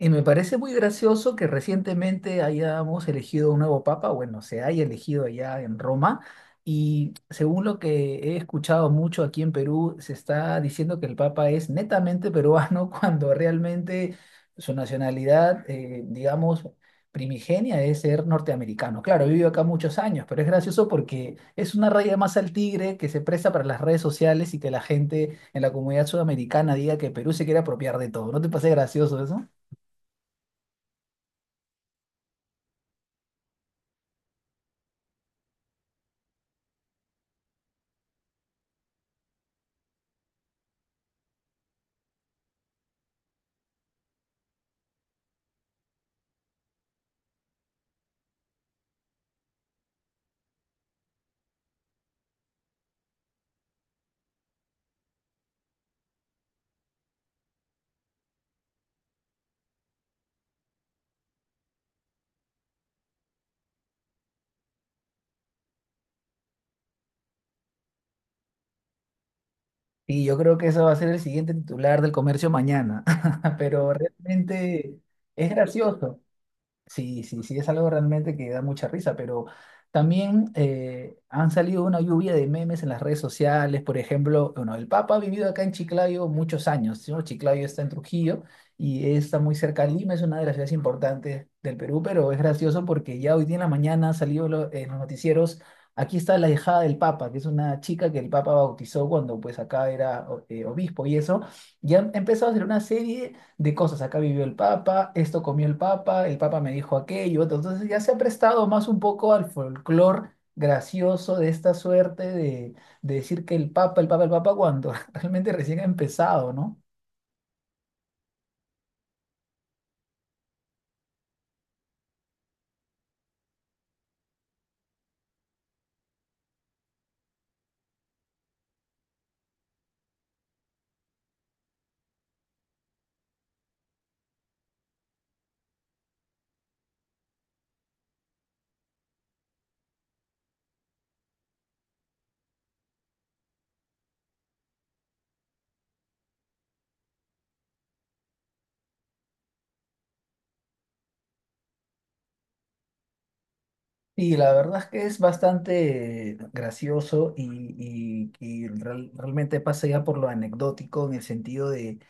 Y me parece muy gracioso que recientemente hayamos elegido un nuevo papa, bueno, se haya elegido allá en Roma, y según lo que he escuchado mucho aquí en Perú, se está diciendo que el papa es netamente peruano cuando realmente su nacionalidad, digamos, primigenia es ser norteamericano. Claro, vivió acá muchos años, pero es gracioso porque es una raya más al tigre que se presta para las redes sociales y que la gente en la comunidad sudamericana diga que Perú se quiere apropiar de todo. ¿No te parece gracioso eso? Y yo creo que eso va a ser el siguiente titular del comercio mañana. Pero realmente es gracioso. Sí, sí, sí, es algo realmente que da mucha risa, pero también han salido una lluvia de memes en las redes sociales. Por ejemplo, bueno, el Papa ha vivido acá en Chiclayo muchos años, ¿no? Chiclayo está en Trujillo y está muy cerca de Lima, es una de las ciudades importantes del Perú, pero es gracioso porque ya hoy día en la mañana en los noticieros, aquí está la hijada del Papa, que es una chica que el Papa bautizó cuando pues acá era obispo y eso, ya han empezado a hacer una serie de cosas. Acá vivió el Papa, esto comió el Papa me dijo aquello. Otro. Entonces ya se ha prestado más un poco al folclore gracioso de esta suerte de decir que el Papa, el Papa, el Papa, cuando realmente recién ha empezado, ¿no? Y la verdad es que es bastante gracioso y realmente pasa ya por lo anecdótico en el sentido de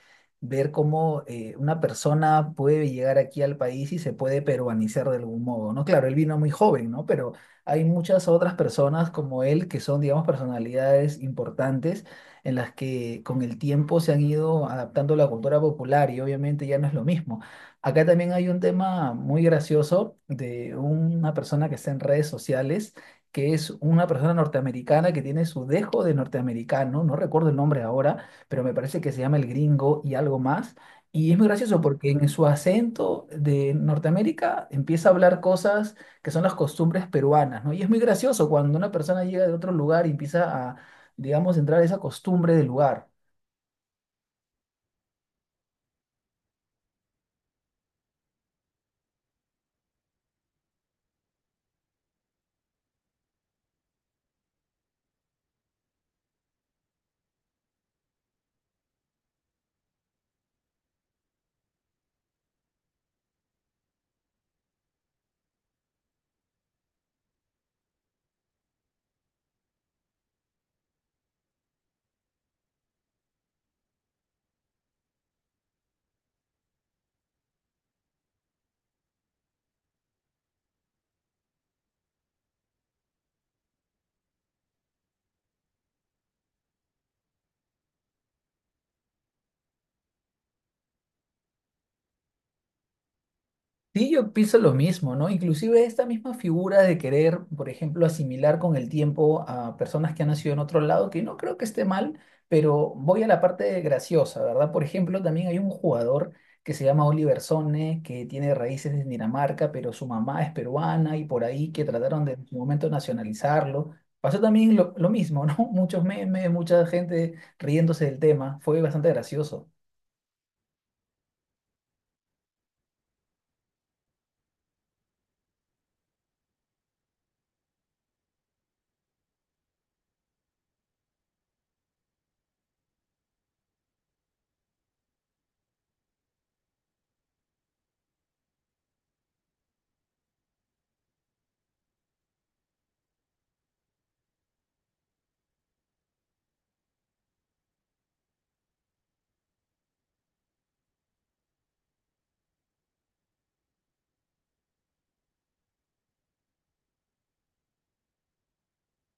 ver cómo una persona puede llegar aquí al país y se puede peruanizar de algún modo, ¿no? Claro, él vino muy joven, ¿no? Pero hay muchas otras personas como él que son, digamos, personalidades importantes en las que con el tiempo se han ido adaptando a la cultura popular y obviamente ya no es lo mismo. Acá también hay un tema muy gracioso de una persona que está en redes sociales, que es una persona norteamericana que tiene su dejo de norteamericano, no recuerdo el nombre ahora, pero me parece que se llama el gringo y algo más. Y es muy gracioso porque en su acento de Norteamérica empieza a hablar cosas que son las costumbres peruanas, ¿no? Y es muy gracioso cuando una persona llega de otro lugar y empieza a, digamos, entrar a esa costumbre del lugar. Sí, yo pienso lo mismo, ¿no? Inclusive esta misma figura de querer, por ejemplo, asimilar con el tiempo a personas que han nacido en otro lado, que no creo que esté mal, pero voy a la parte graciosa, ¿verdad? Por ejemplo, también hay un jugador que se llama Oliver Sone, que tiene raíces en Dinamarca, pero su mamá es peruana y por ahí que trataron de en su momento nacionalizarlo. Pasó también lo mismo, ¿no? Muchos memes, mucha gente riéndose del tema, fue bastante gracioso.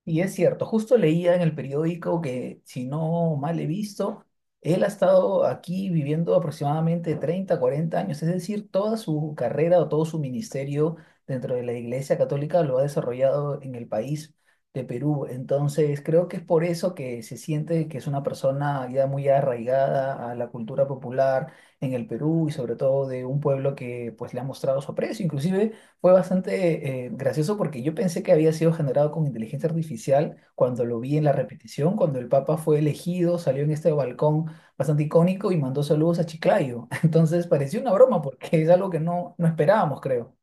Y es cierto, justo leía en el periódico que, si no mal he visto, él ha estado aquí viviendo aproximadamente 30 40 años, es decir, toda su carrera o todo su ministerio dentro de la Iglesia Católica lo ha desarrollado en el país de Perú. Entonces, creo que es por eso que se siente que es una persona ya muy arraigada a la cultura popular en el Perú y sobre todo de un pueblo que pues le ha mostrado su aprecio. Inclusive fue bastante gracioso porque yo pensé que había sido generado con inteligencia artificial cuando lo vi en la repetición. Cuando el Papa fue elegido, salió en este balcón bastante icónico y mandó saludos a Chiclayo. Entonces pareció una broma porque es algo que no esperábamos, creo.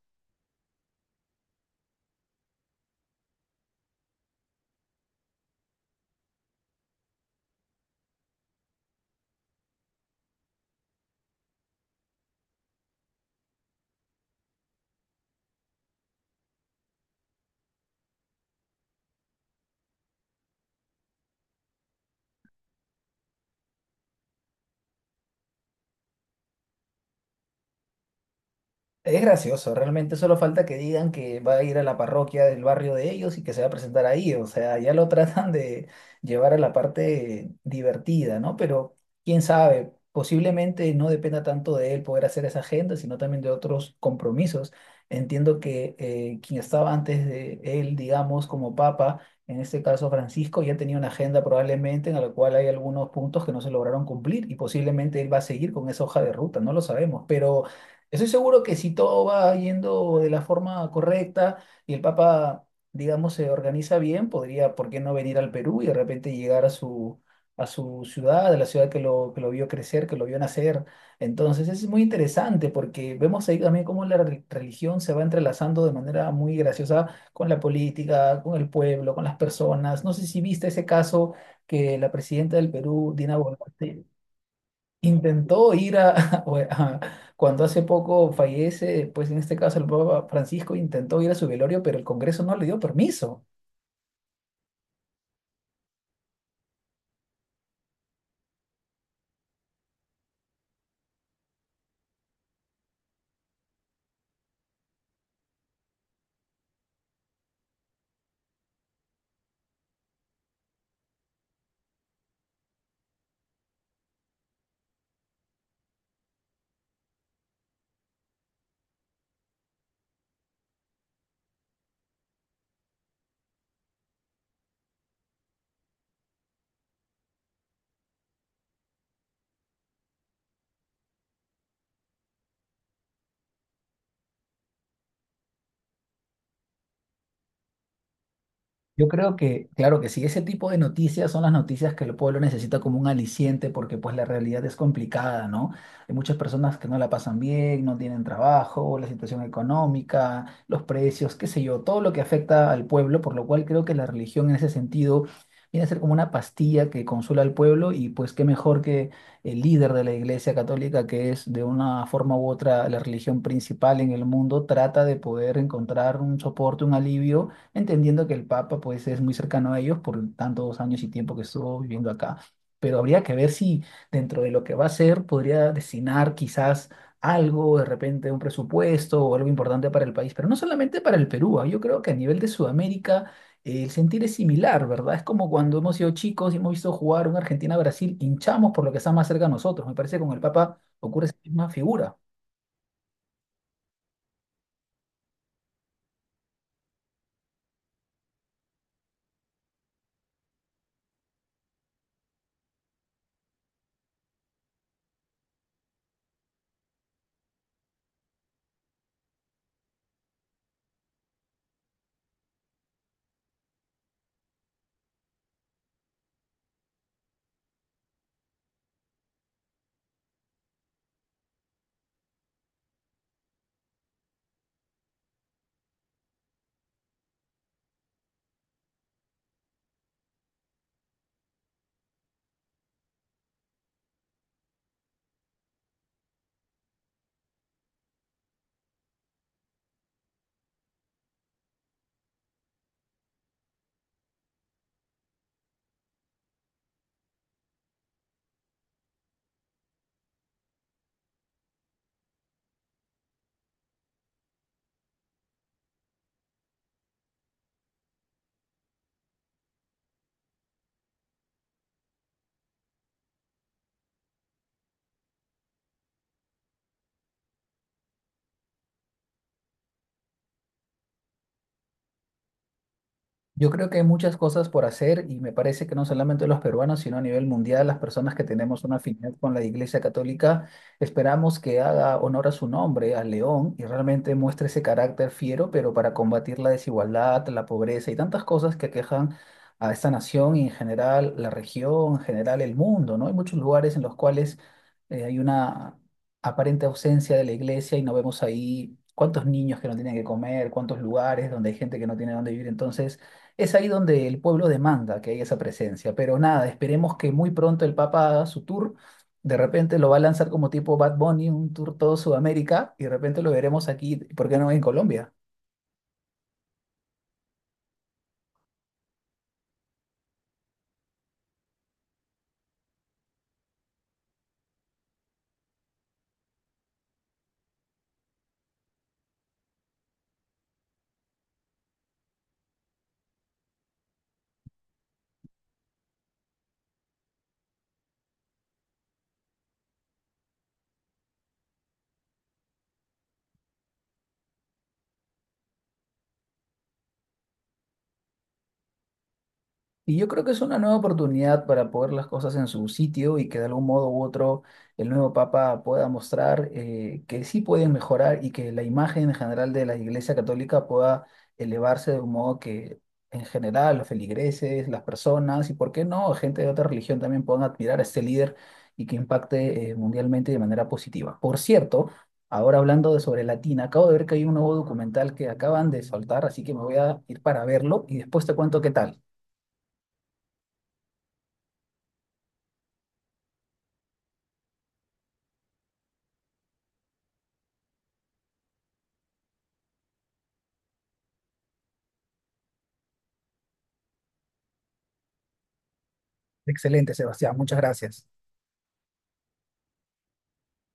Es gracioso, realmente solo falta que digan que va a ir a la parroquia del barrio de ellos y que se va a presentar ahí, o sea, ya lo tratan de llevar a la parte divertida, ¿no? Pero quién sabe, posiblemente no dependa tanto de él poder hacer esa agenda, sino también de otros compromisos. Entiendo que quien estaba antes de él, digamos, como papa, en este caso Francisco, ya tenía una agenda probablemente en la cual hay algunos puntos que no se lograron cumplir y posiblemente él va a seguir con esa hoja de ruta, no lo sabemos, pero... Estoy seguro que si todo va yendo de la forma correcta y el Papa, digamos, se organiza bien, podría, ¿por qué no venir al Perú y de repente llegar a su ciudad, a la ciudad que lo vio crecer, que lo vio nacer? Entonces es muy interesante porque vemos ahí también cómo la religión se va entrelazando de manera muy graciosa con la política, con el pueblo, con las personas. No sé si viste ese caso que la presidenta del Perú, Dina Boluarte, intentó ir a, cuando hace poco fallece, pues en este caso el Papa Francisco, intentó ir a su velorio, pero el Congreso no le dio permiso. Yo creo que, claro que sí, ese tipo de noticias son las noticias que el pueblo necesita como un aliciente porque pues la realidad es complicada, ¿no? Hay muchas personas que no la pasan bien, no tienen trabajo, la situación económica, los precios, qué sé yo, todo lo que afecta al pueblo, por lo cual creo que la religión en ese sentido viene a ser como una pastilla que consuela al pueblo y pues qué mejor que el líder de la Iglesia Católica, que es de una forma u otra la religión principal en el mundo, trata de poder encontrar un soporte, un alivio entendiendo que el Papa pues es muy cercano a ellos por tantos años y tiempo que estuvo viviendo acá. Pero habría que ver si dentro de lo que va a ser podría destinar quizás algo, de repente un presupuesto o algo importante para el país, pero no solamente para el Perú, ah, yo creo que a nivel de Sudamérica el sentir es similar, ¿verdad? Es como cuando hemos sido chicos y hemos visto jugar un Argentina-Brasil, hinchamos por lo que está más cerca a nosotros, me parece que con el Papa ocurre esa misma figura. Yo creo que hay muchas cosas por hacer y me parece que no solamente los peruanos, sino a nivel mundial, las personas que tenemos una afinidad con la Iglesia Católica, esperamos que haga honor a su nombre, al león, y realmente muestre ese carácter fiero, pero para combatir la desigualdad, la pobreza y tantas cosas que aquejan a esta nación y en general la región, en general el mundo, ¿no? Hay muchos lugares en los cuales hay una aparente ausencia de la iglesia y no vemos ahí cuántos niños que no tienen que comer, cuántos lugares donde hay gente que no tiene dónde vivir. Entonces, es ahí donde el pueblo demanda que haya esa presencia, pero nada, esperemos que muy pronto el Papa haga su tour, de repente lo va a lanzar como tipo Bad Bunny, un tour todo Sudamérica, y de repente lo veremos aquí, ¿por qué no en Colombia? Y yo creo que es una nueva oportunidad para poner las cosas en su sitio y que de algún modo u otro el nuevo Papa pueda mostrar que sí pueden mejorar y que la imagen en general de la Iglesia Católica pueda elevarse de un modo que en general los feligreses, las personas y por qué no, gente de otra religión también puedan admirar a este líder y que impacte mundialmente de manera positiva. Por cierto, ahora hablando de sobre Latina, acabo de ver que hay un nuevo documental que acaban de soltar, así que me voy a ir para verlo y después te cuento qué tal. Excelente, Sebastián. Muchas gracias.